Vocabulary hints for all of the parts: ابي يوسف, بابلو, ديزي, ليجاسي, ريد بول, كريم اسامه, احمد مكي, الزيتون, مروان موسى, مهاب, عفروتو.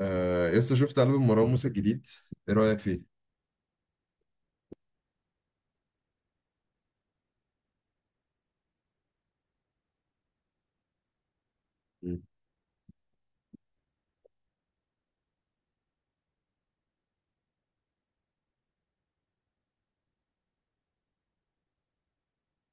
آه يسطا، شفت ألبوم مروان موسى الجديد؟ ايه رأيك فيه؟ مم.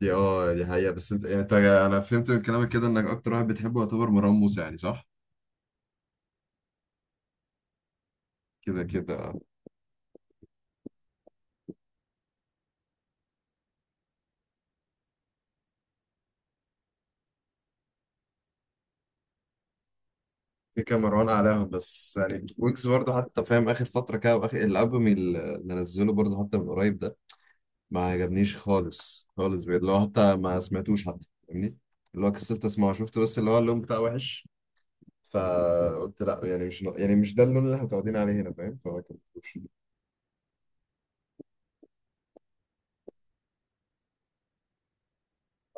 دي حقيقة. بس انت يعني انا فهمت من كلامك كده انك اكتر واحد بتحبه يعتبر مروان موسى، يعني صح؟ كده كده. في كام مروان اعلاهم، بس يعني ويجز برضه حتى، فاهم؟ اخر فترة كده، واخر الالبوم اللي نزله برضه حتى من قريب ده، ما عجبنيش خالص خالص بجد. اللي هو حتى ما سمعتوش، حتى، فاهمني؟ اللي هو كسلت اسمعه، شفت؟ بس اللي هو اللون بتاعه وحش. فقلت لا، يعني مش ده اللون اللي احنا متعودين عليه هنا، فاهم؟ فما كملتوش.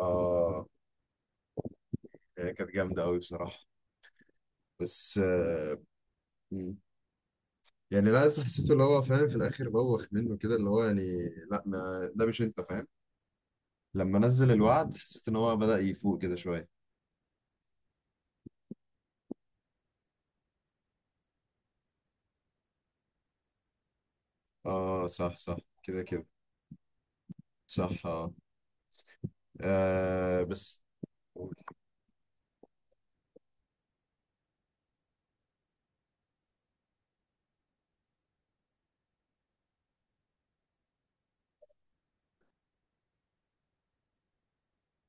آه، هي كانت جامدة أوي بصراحة. بس. مم. يعني لا، لسه حسيته اللي هو، فاهم، في الآخر بوخ منه كده، اللي هو يعني لا ما ده، مش أنت فاهم. لما نزل الوعد حسيت إن هو بدأ يفوق كده شوية. آه صح صح. كده كده. صح. آه بس.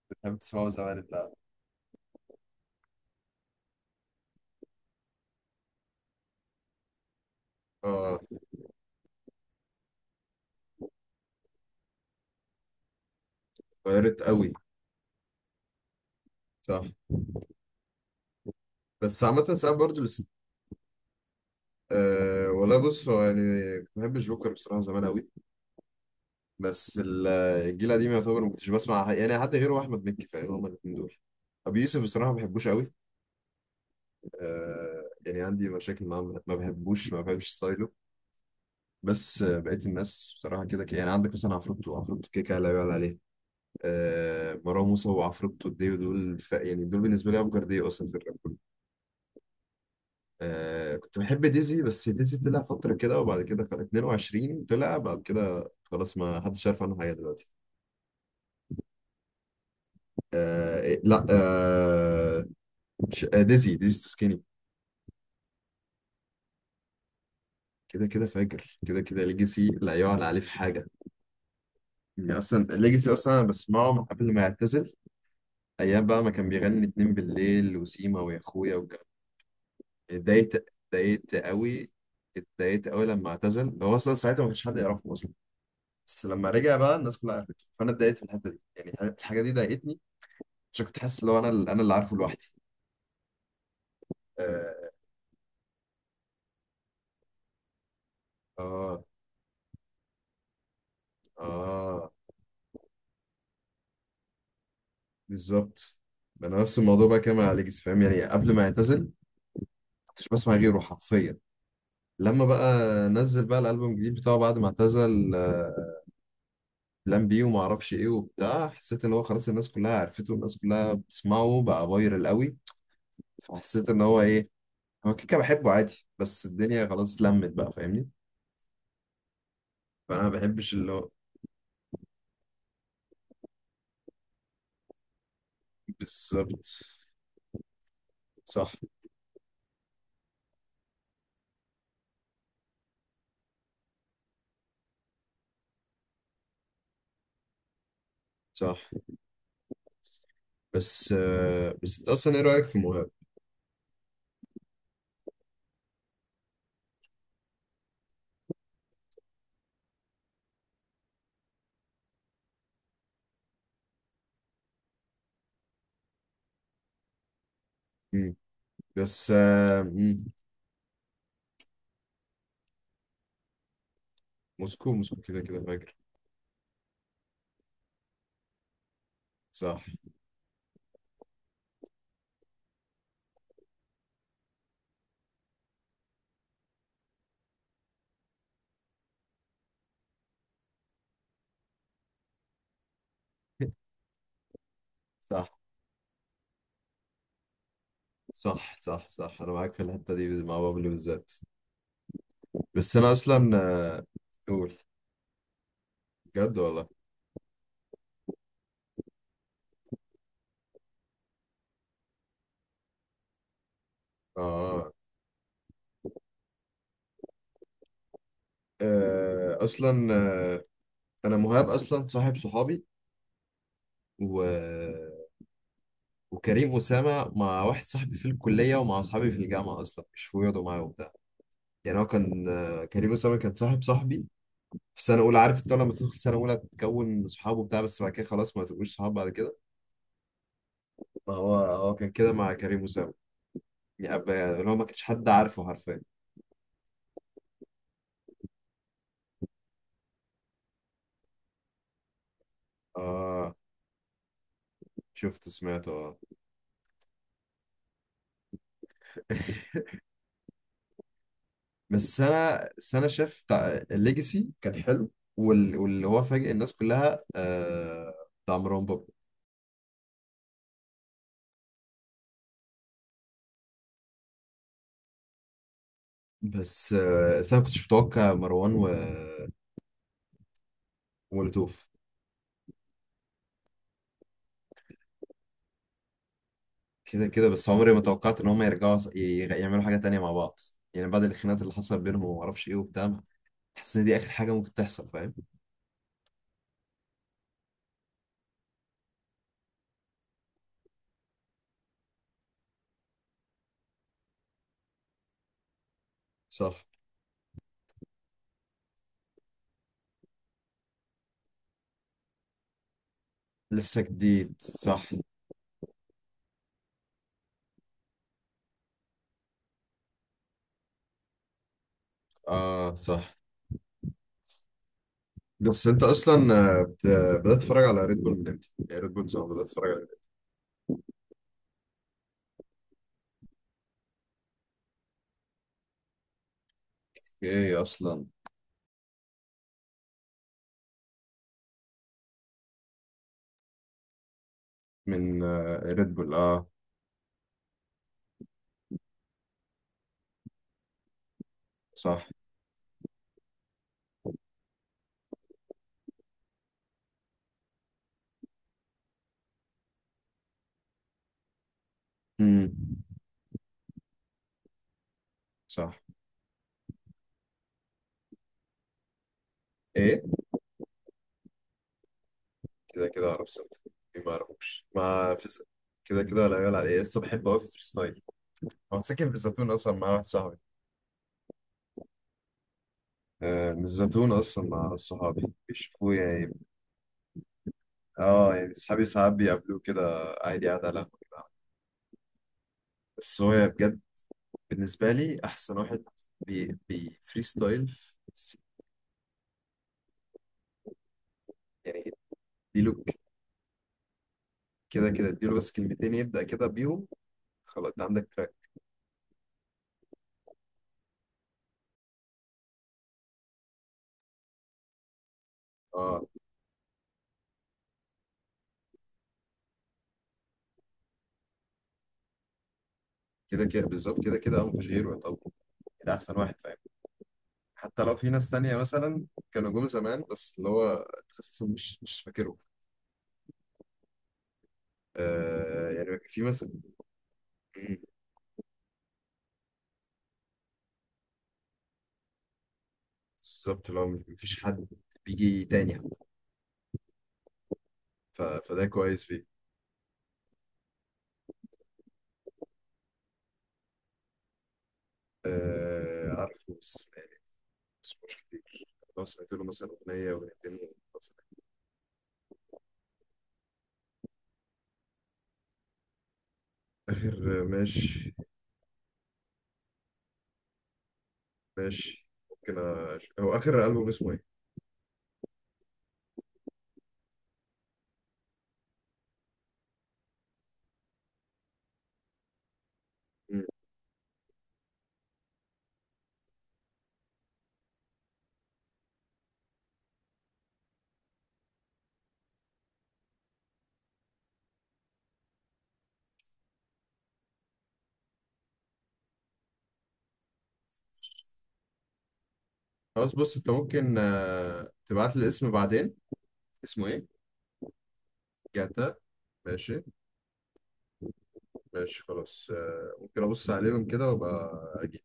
بتحب تسمعه زمان أنت؟ آه، غيرت أوي. صح. بس عامة ساعات برضه آه والله، بص هو يعني، كنت بحب الجوكر بصراحة زمان أوي. بس الجيل القديم يعتبر ما كنتش بسمع يعني حد غيره، احمد مكي، فاهم؟ هما الاثنين دول. ابي يوسف بصراحه ما بحبوش قوي. آه، يعني عندي مشاكل معاه، ما بحبش ستايله. بس بقيت الناس بصراحه كده، يعني عندك مثلا عفروتو، عفروتو كده كده لا يعلى عليه. آه، مروان موسى وعفروتو ديو دول، يعني دول بالنسبه لي افجر ديو اصلا في الراب كله. آه، كنت بحب ديزي، بس ديزي طلع فتره كده، وبعد كده كان 22، طلع بعد كده، خلاص ما حدش عارف عنه حاجه دلوقتي. لا، مش، ديزي تو سكيني. كده كده فاجر، كده كده ليجاسي لا يعلى عليه في حاجه. يعني اصلا ليجاسي، اصلا انا بسمعه من قبل ما يعتزل. ايام بقى ما كان بيغني اتنين بالليل، وسيما، ويا اخويا، اتضايقت اتضايقت قوي اتضايقت قوي لما اعتزل. هو اصلا ساعتها ما كانش حد يعرفه اصلا. بس لما رجع بقى الناس كلها عرفته، فانا اتضايقت في الحته دي، يعني الحاجه دي ضايقتني. عشان كنت حاسس ان هو انا اللي عارفه لوحدي. اه اه، آه. بالظبط. انا نفس الموضوع بقى كده مع ليجاسي، فاهم؟ يعني قبل ما يعتزل كنتش بسمع غيره حرفيا. لما بقى نزل بقى الالبوم الجديد بتاعه بعد ما اعتزل، بلان بي وما اعرفش ايه وبتاع، حسيت ان هو خلاص الناس كلها عرفته والناس كلها بتسمعه بقى فايرال قوي. فحسيت ان هو ايه، هو كيكه بحبه عادي بس الدنيا خلاص لمت بقى، فاهمني؟ فانا ما بحبش اللي هو، بالظبط. صح صح. بس انت اصلا ايه رايك في مهاب؟ مم. بس. مم. موسكو موسكو كده كده فاجر. صح. صح صح صح صح. انا معاك في الحته دي مع بابلو بالذات. بس انا اصلا، آه، قول. بجد والله. اه، اصلا، آه، انا مهاب اصلا صاحب صحابي، و... وكريم اسامه مع واحد صاحبي في الكليه ومع اصحابي في الجامعه، اصلا مش بيقعدوا معايا وبتاع. يعني هو كان، كريم اسامه كان صاحب صاحبي في سنه اولى. عارف انت لما تدخل سنه اولى تكون صحابه بتاع بس بعد كده خلاص ما تبقوش صحاب بعد كده. فهو هو هو كان كده مع كريم اسامه. يعني يعني اللي هو ما كانش حد عارفه حرفيا. اه شفت سمعته اه. بس انا شفت الليجاسي كان حلو. واللي هو فاجئ الناس كلها، بتاع مروان بابلو. بس انا ما كنتش متوقع مروان، ومولوتوف. كده كده، بس عمري ما توقعت ان هم يرجعوا يعملوا حاجه تانية مع بعض. يعني بعد الخناقات اللي حصلت بينهم وما اعرفش ايه وبتاع. حاسس ان دي اخر حاجه ممكن تحصل، فاهم؟ صح. لسه جديد، صح. اه، صح. بس انت اصلا، آه، بت- بدات تتفرج على ريد بول من امتى؟ يعني ريد بول، صح، بدات تتفرج؟ ايه اصلا من ريد بول؟ اه، صح. امم. صح. ايه؟ كده كده اعرف سنت. إيه، ما اعرفوش ما في كده كده، ولا يقول على ايه، لسه بحب اوي في فريستايل. هو ساكن في الزيتون اصلا مع واحد صاحبي. آه، من الزيتون اصلا مع صحابي. بيشوفوه يعني. اه، يعني صحابي ساعات بيقابلوه كده، عادي قاعد على القهوة كده. بس هو بجد بالنسبة لي أحسن واحد بي فريستايل في يعني اديله كده كده، اديله بس كلمتين يبدأ كده بيهم، خلاص ده عندك. تراك. كده كده، بالظبط، كده كده، اه مفيش غيره يعني. طب، ده احسن واحد، فاهم؟ حتى لو في ناس تانية مثلا كانوا جم زمان، بس اللي هو تخصصهم مش فاكره. يعني في مثلا. مم، بالظبط، اللي هو مفيش حد بيجي تاني حتى. فده كويس فيه. آه، عارفه بس يعني، بس مش كتير. لو سمعت له مثلا أغنية، أغنيتين، خلاص. آخر، ماشي. ماشي، ممكن. هو آخر ألبوم اسمه إيه؟ مم. خلاص، بص أنت ممكن تبعت لي الاسم بعدين. اسمه إيه؟ جاتا. ماشي. ماشي، خلاص، ممكن ابص عليهم كده وابقى اجيب.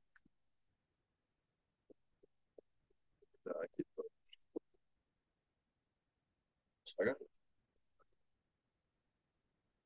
اكيد.